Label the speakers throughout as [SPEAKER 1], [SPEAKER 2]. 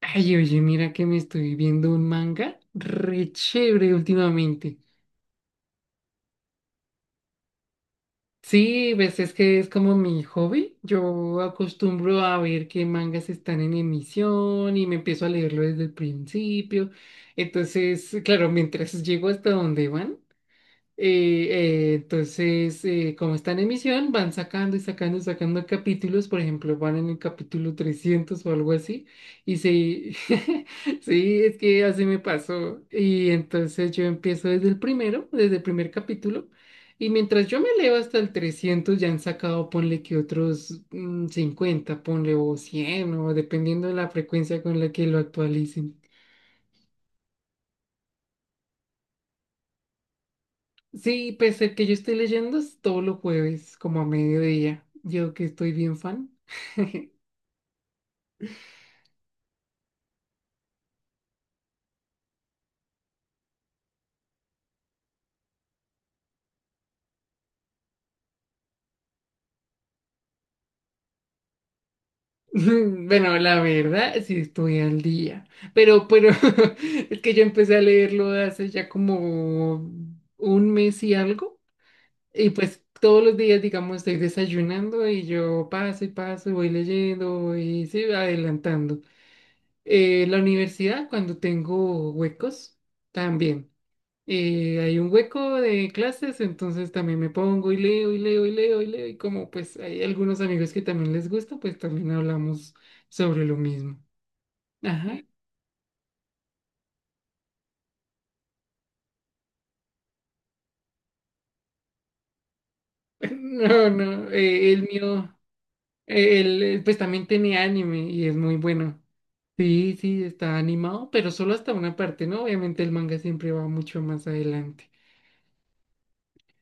[SPEAKER 1] Ay, oye, mira que me estoy viendo un manga re chévere últimamente. Sí, pues es que es como mi hobby. Yo acostumbro a ver qué mangas están en emisión y me empiezo a leerlo desde el principio. Entonces, claro, mientras llego hasta donde van. Entonces, como está en emisión, van sacando y sacando y sacando capítulos. Por ejemplo, van en el capítulo 300 o algo así, y sí, sí, es que así me pasó, y entonces yo empiezo desde el primero, desde el primer capítulo, y mientras yo me leo hasta el 300, ya han sacado, ponle que otros 50, ponle o 100, o dependiendo de la frecuencia con la que lo actualicen. Sí, pese a que yo estoy leyendo es todos los jueves, como a mediodía. Yo que estoy bien fan. Bueno, la verdad, sí estoy al día. Pero, es que yo empecé a leerlo hace ya como un mes y algo. Y pues todos los días, digamos, estoy desayunando y yo paso y paso y voy leyendo y sí, adelantando. La universidad, cuando tengo huecos, también. Hay un hueco de clases, entonces también me pongo y leo y leo y leo y leo, y como pues hay algunos amigos que también les gusta, pues también hablamos sobre lo mismo. Ajá. No, no, el mío, él, pues también tiene anime y es muy bueno. Sí, sí, está animado, pero solo hasta una parte, ¿no? Obviamente el manga siempre va mucho más adelante.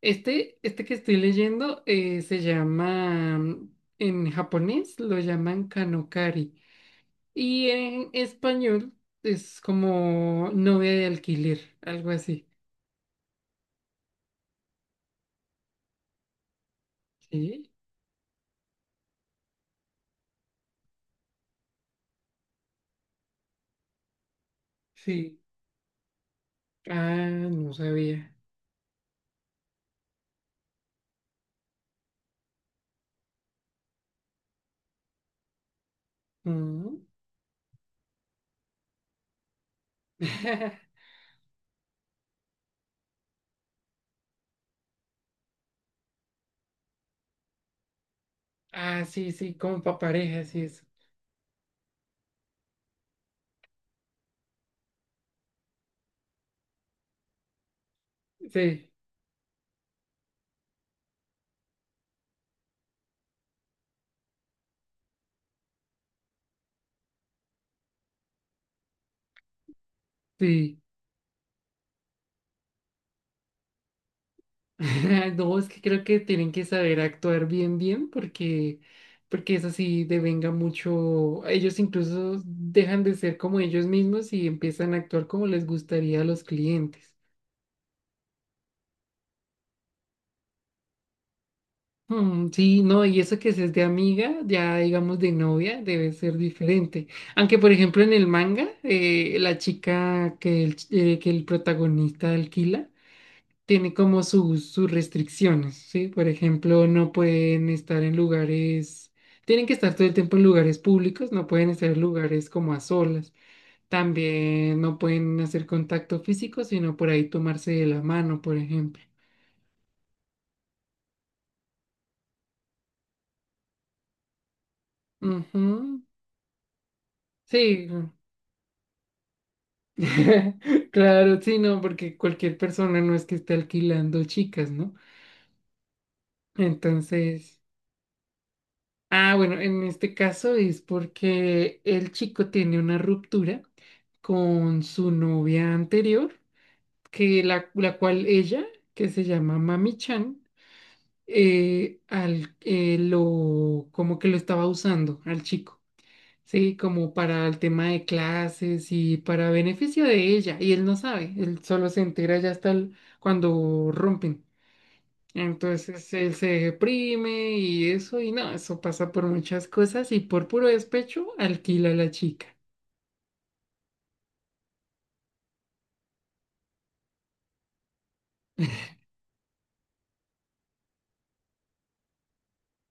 [SPEAKER 1] Este que estoy leyendo, se llama, en japonés lo llaman Kanokari. Y en español es como novia de alquiler, algo así. ¿Sí? Sí. Ah, no sabía. Mm. Ah, sí, sí, como para parejas sí, eso. Sí, sí. No, es que creo que tienen que saber actuar bien, bien, porque, eso sí devenga mucho. Ellos incluso dejan de ser como ellos mismos y empiezan a actuar como les gustaría a los clientes. Mm, sí, no, y eso que si es de amiga, ya digamos de novia, debe ser diferente. Aunque, por ejemplo, en el manga, la chica que el protagonista alquila tiene como sus restricciones, ¿sí? Por ejemplo, no pueden estar en lugares, tienen que estar todo el tiempo en lugares públicos, no pueden estar en lugares como a solas. También no pueden hacer contacto físico, sino por ahí tomarse de la mano, por ejemplo. Ujú. Sí. Claro, sí, no, porque cualquier persona no es que esté alquilando chicas, ¿no? Entonces, ah, bueno, en este caso es porque el chico tiene una ruptura con su novia anterior, que la, que se llama Mami Chan, como que lo estaba usando al chico. Sí, como para el tema de clases y para beneficio de ella. Y él no sabe, él solo se entera ya hasta cuando rompen. Entonces él se deprime y eso, y no, eso pasa por muchas cosas y por puro despecho alquila a la chica.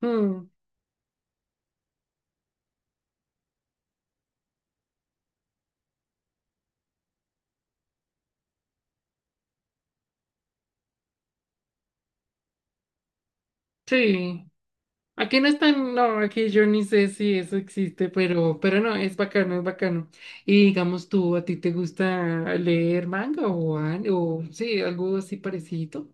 [SPEAKER 1] Mm, sí, aquí no están. No, aquí yo ni sé si eso existe, pero, no, es bacano, es bacano. Y digamos tú, ¿a ti te gusta leer manga o sí, algo así parecido?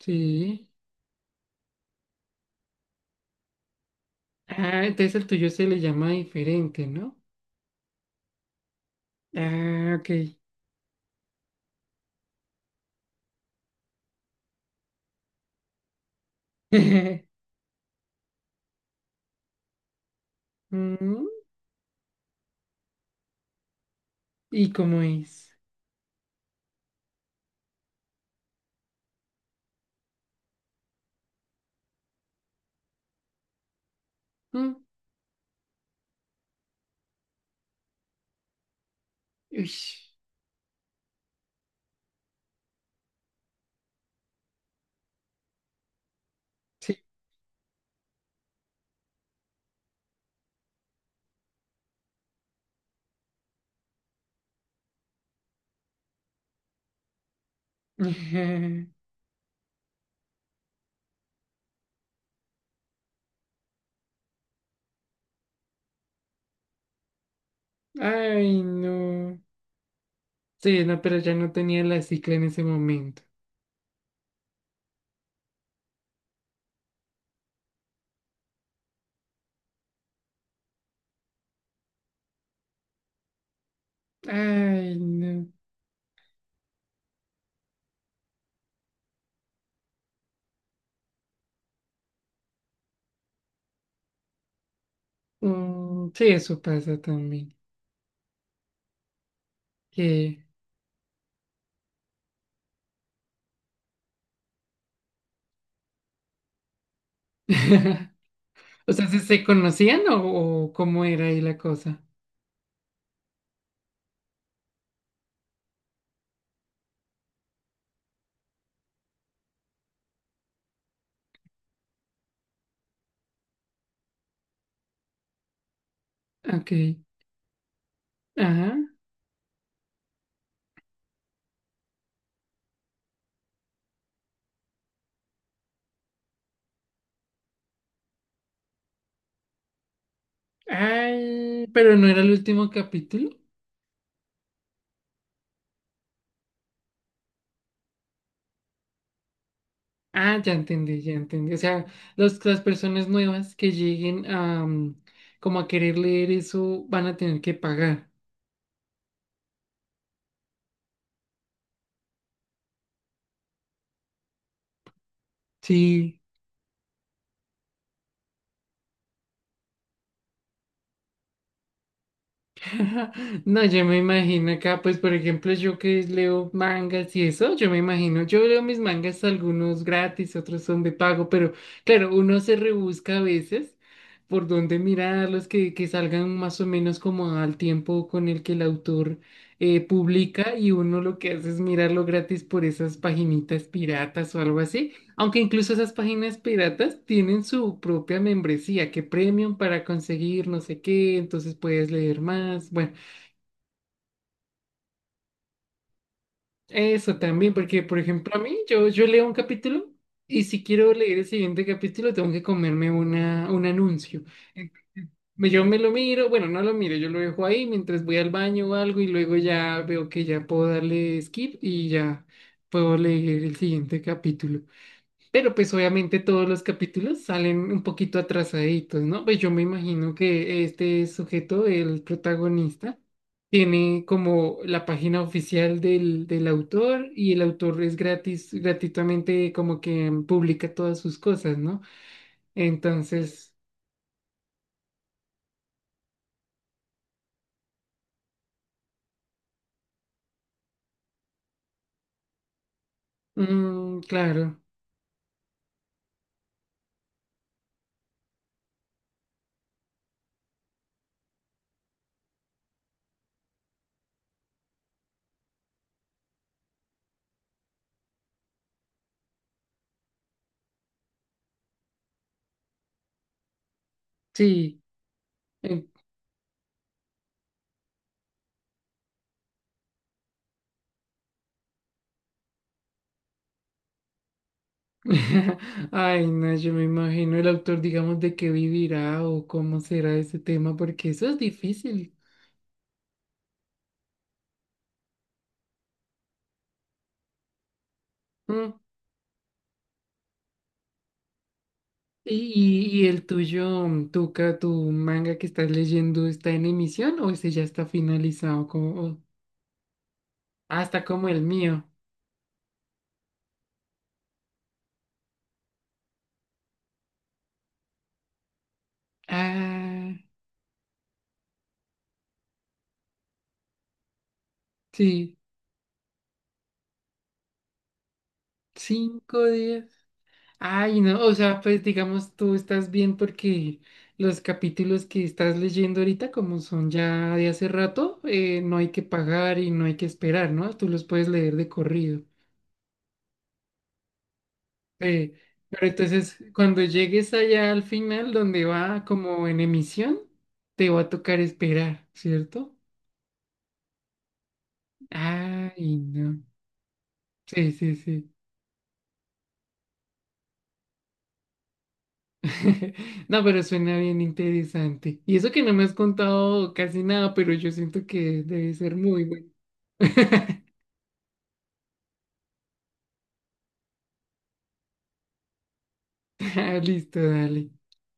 [SPEAKER 1] Sí. Ah, entonces el tuyo se le llama diferente, ¿no? Ah, ok. Mm, ¿Y cómo es? Mm, uy, sí. Ay, no. Sí, no, pero ya no tenía la cicla en ese momento. Ay, no. Mm, sí, eso pasa también. Que... O sea, ¿se conocían o cómo era ahí la cosa? Ok. Ajá. Ay, pero no era el último capítulo. Ah, ya entendí, ya entendí. O sea, las personas nuevas que lleguen a, como a querer leer eso van a tener que pagar. Sí. No, yo me imagino acá, pues por ejemplo, yo que leo mangas y eso, yo me imagino, yo leo mis mangas, algunos gratis, otros son de pago, pero claro, uno se rebusca a veces por dónde mirarlos, que, salgan más o menos como al tiempo con el que el autor publica, y uno lo que hace es mirarlo gratis por esas paginitas piratas o algo así. Aunque incluso esas páginas piratas tienen su propia membresía, que premium para conseguir no sé qué, entonces puedes leer más. Bueno, eso también, porque por ejemplo a mí, yo leo un capítulo y si quiero leer el siguiente capítulo tengo que comerme un anuncio. Entonces, yo me lo miro, bueno, no lo miro, yo lo dejo ahí mientras voy al baño o algo y luego ya veo que ya puedo darle skip y ya puedo leer el siguiente capítulo. Pero pues obviamente todos los capítulos salen un poquito atrasaditos, ¿no? Pues yo me imagino que este sujeto, el protagonista, tiene como la página oficial del, autor, y el autor es gratis, gratuitamente como que publica todas sus cosas, ¿no? Entonces, claro, sí. eh, Ay, no, yo me imagino el autor, digamos, de qué vivirá o cómo será ese tema, porque eso es difícil. Mm. ¿Y el tuyo, Tuca, tu manga que estás leyendo, está en emisión o ese ya está finalizado? Como, o- ah, está como el mío. Ah, sí, 5 días. Ay, no, o sea, pues digamos, tú estás bien porque los capítulos que estás leyendo ahorita, como son ya de hace rato, no hay que pagar y no hay que esperar, ¿no? Tú los puedes leer de corrido. Eh, pero entonces, cuando llegues allá al final, donde va como en emisión, te va a tocar esperar, ¿cierto? Ay, no. Sí, sí, sí. No, pero suena bien interesante. Y eso que no me has contado casi nada, pero yo siento que debe ser muy bueno. Ah, listo, dale.